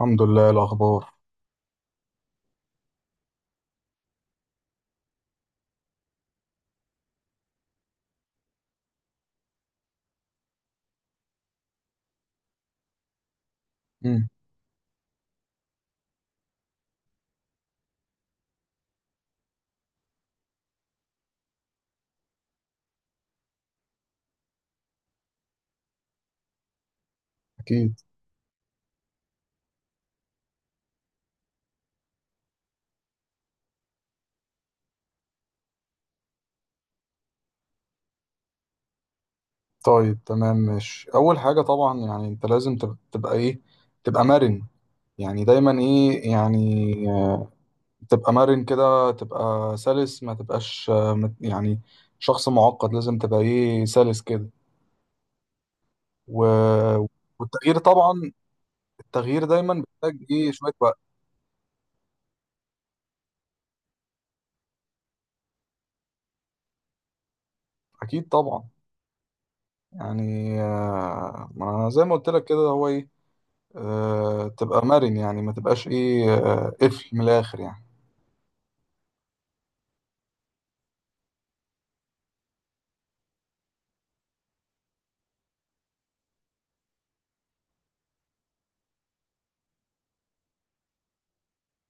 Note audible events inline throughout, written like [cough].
الحمد لله. إيه الأخبار؟ مم. أكيد. طيب تمام ماشي. أول حاجة طبعا يعني أنت لازم تبقى إيه، تبقى مرن. يعني دايما إيه يعني، آه، تبقى مرن كده، تبقى سلس، ما تبقاش يعني شخص معقد. لازم تبقى إيه، سلس كده. و... والتغيير طبعا، التغيير دايما بيحتاج إيه، شوية وقت. أكيد طبعا. يعني ما زي ما قلت لك كده هو إيه، تبقى مرن، يعني ما تبقاش إيه قفل من الآخر يعني.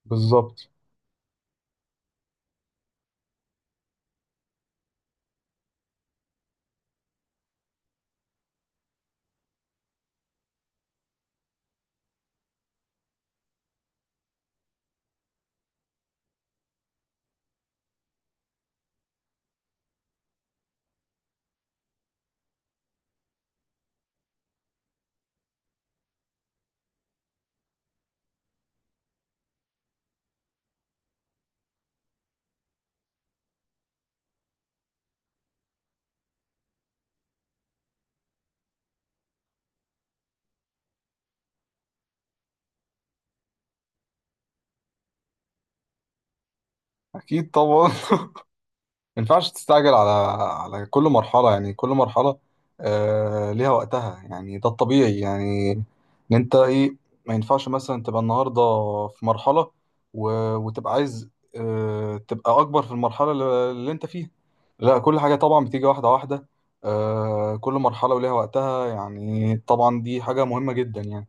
بالظبط. اكيد طبعا. [laughs] ما ينفعش تستعجل على على كل مرحله، يعني كل مرحله آه ليها وقتها. يعني ده الطبيعي يعني، ان انت ايه، ما ينفعش مثلا تبقى النهارده في مرحله و... وتبقى عايز آه تبقى اكبر في المرحله اللي انت فيها. لا، كل حاجه طبعا بتيجي واحده واحده. آه، كل مرحله وليها وقتها. يعني طبعا دي حاجه مهمه جدا يعني.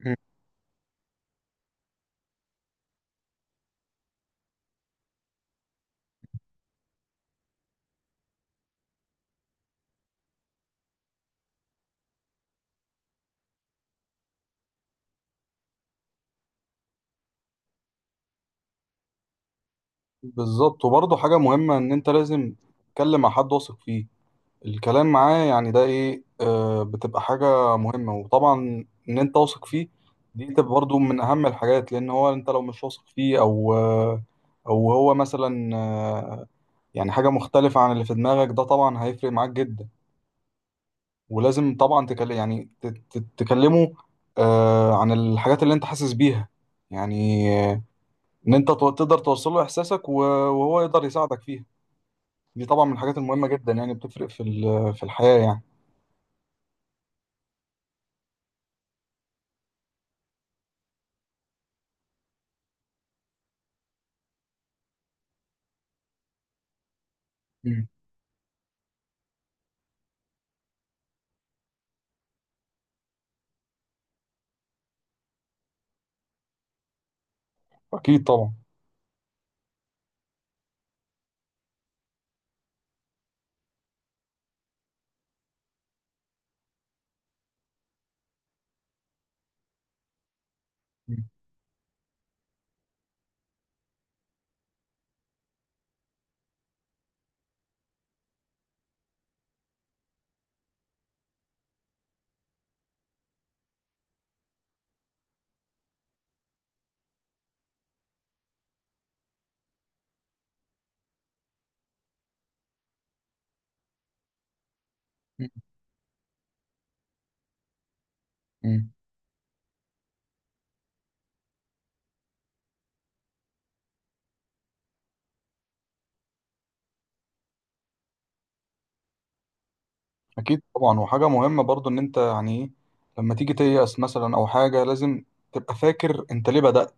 مم. بالظبط. وبرضه حاجه مهمه، ان انت لازم تتكلم مع حد واثق فيه الكلام معاه. يعني ده ايه، آه بتبقى حاجة مهمة. وطبعا ان انت واثق فيه، دي تبقى برضو من اهم الحاجات. لان هو انت لو مش واثق فيه او آه، او هو مثلا آه، يعني حاجة مختلفة عن اللي في دماغك، ده طبعا هيفرق معاك جدا. ولازم طبعا تكلم، يعني تكلمه آه عن الحاجات اللي انت حاسس بيها. يعني آه، ان انت تقدر توصل له احساسك وهو يقدر يساعدك فيها. دي طبعا من الحاجات المهمة جدا، يعني بتفرق في في الحياة يعني. مم. اكيد طبعا. مم. مم. اكيد طبعا. وحاجه مهمه برضو، ان انت يعني ايه، لما تيجي تيأس مثلا او حاجه، لازم تبقى فاكر انت ليه بدأت.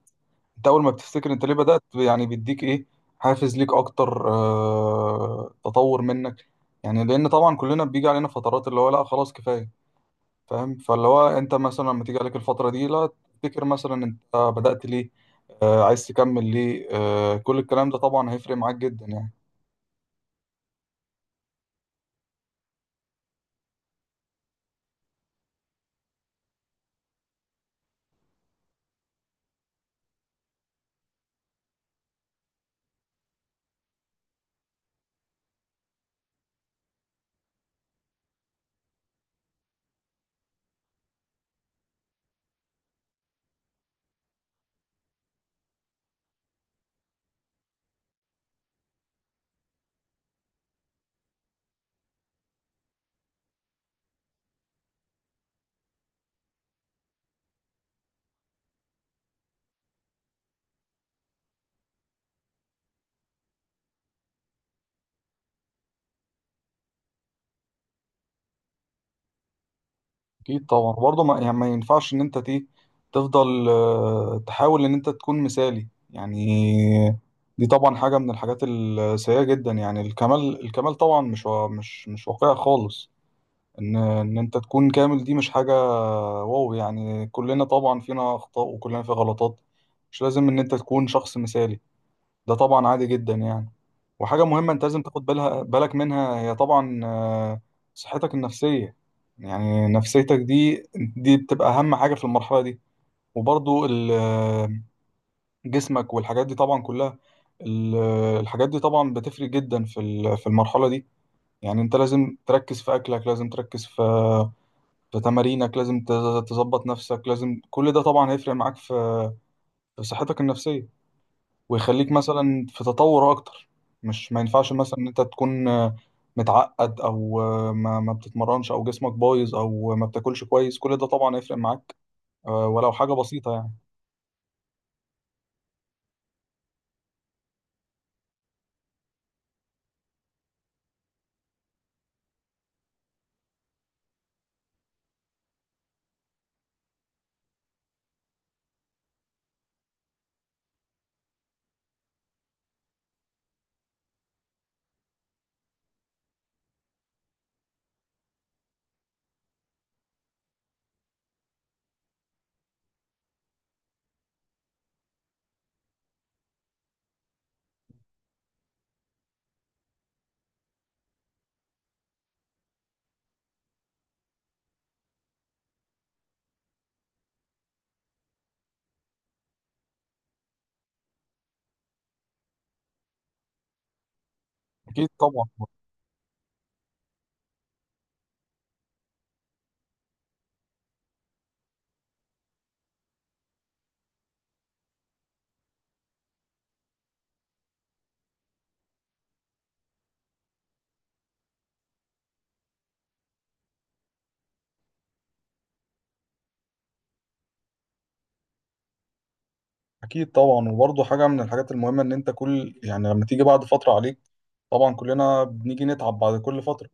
انت اول ما بتفتكر انت ليه بدأت يعني بيديك ايه، حافز ليك اكتر، آه تطور منك. يعني لان طبعا كلنا بيجي علينا فترات اللي هو لا خلاص كفايه، فاهم؟ فاللي هو انت مثلا لما تيجي عليك الفتره دي، لا، تفتكر مثلا انت بدأت ليه، آه عايز تكمل ليه. آه كل الكلام ده طبعا هيفرق معاك جدا يعني. اكيد طبعا. برضه ما يعني ما ينفعش ان انت تفضل تحاول ان انت تكون مثالي يعني. دي طبعا حاجه من الحاجات السيئه جدا. يعني الكمال، الكمال طبعا مش مش واقعي خالص. ان ان انت تكون كامل دي مش حاجه، واو يعني. كلنا طبعا فينا اخطاء وكلنا في غلطات. مش لازم ان انت تكون شخص مثالي، ده طبعا عادي جدا يعني. وحاجة مهمة انت لازم تاخد بالك منها، هي طبعا آه، صحتك النفسية. يعني نفسيتك دي بتبقى أهم حاجة في المرحلة دي. وبرضو آه، جسمك والحاجات دي طبعا كلها، آه، الحاجات دي طبعا بتفرق جدا في في المرحلة دي. يعني انت لازم تركز في أكلك، لازم تركز في في تمارينك، لازم تظبط نفسك. لازم كل ده طبعا هيفرق معاك في في صحتك النفسية، ويخليك مثلا في تطور اكتر. مش ما ينفعش مثلا ان انت تكون آه، متعقد او آه، ما بتتمرنش، او جسمك بايظ، او ما بتاكلش كويس. كل ده طبعا هيفرق معاك آه، ولو حاجه بسيطه يعني. اكيد طبعا. اكيد طبعا. وبرضه حاجه من الحاجات المهمه، ان انت كل يعني لما تيجي بعد فتره عليك، طبعا كلنا بنيجي نتعب بعد كل فتره،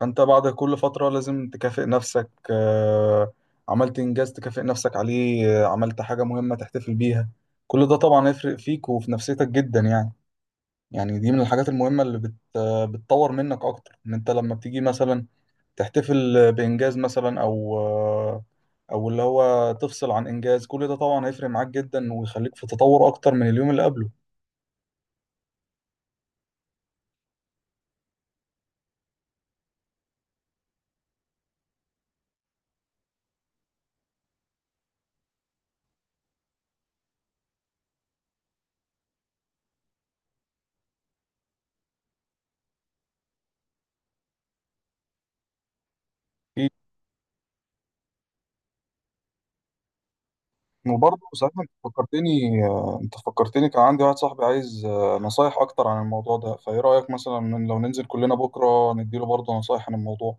فانت بعد كل فترة لازم تكافئ نفسك. آه، عملت انجاز تكافئ نفسك عليه، آه، عملت حاجة مهمة تحتفل بيها. كل ده طبعا هيفرق فيك وفي نفسيتك جدا يعني. يعني دي من الحاجات المهمة اللي آه، بتطور منك اكتر. ان انت لما بتيجي مثلا تحتفل بانجاز مثلا او آه، او اللي هو تفصل عن انجاز، كل ده طبعا هيفرق معاك جدا ويخليك في تطور اكتر من اليوم اللي قبله. في، وبرضه صحيح انت فكرتني آه، انت فكرتني كان عندي واحد صاحبي عايز آه، نصايح اكتر عن الموضوع ده. فايه رأيك مثلا إن لو ننزل كلنا بكرة نديله برضه نصايح عن الموضوع؟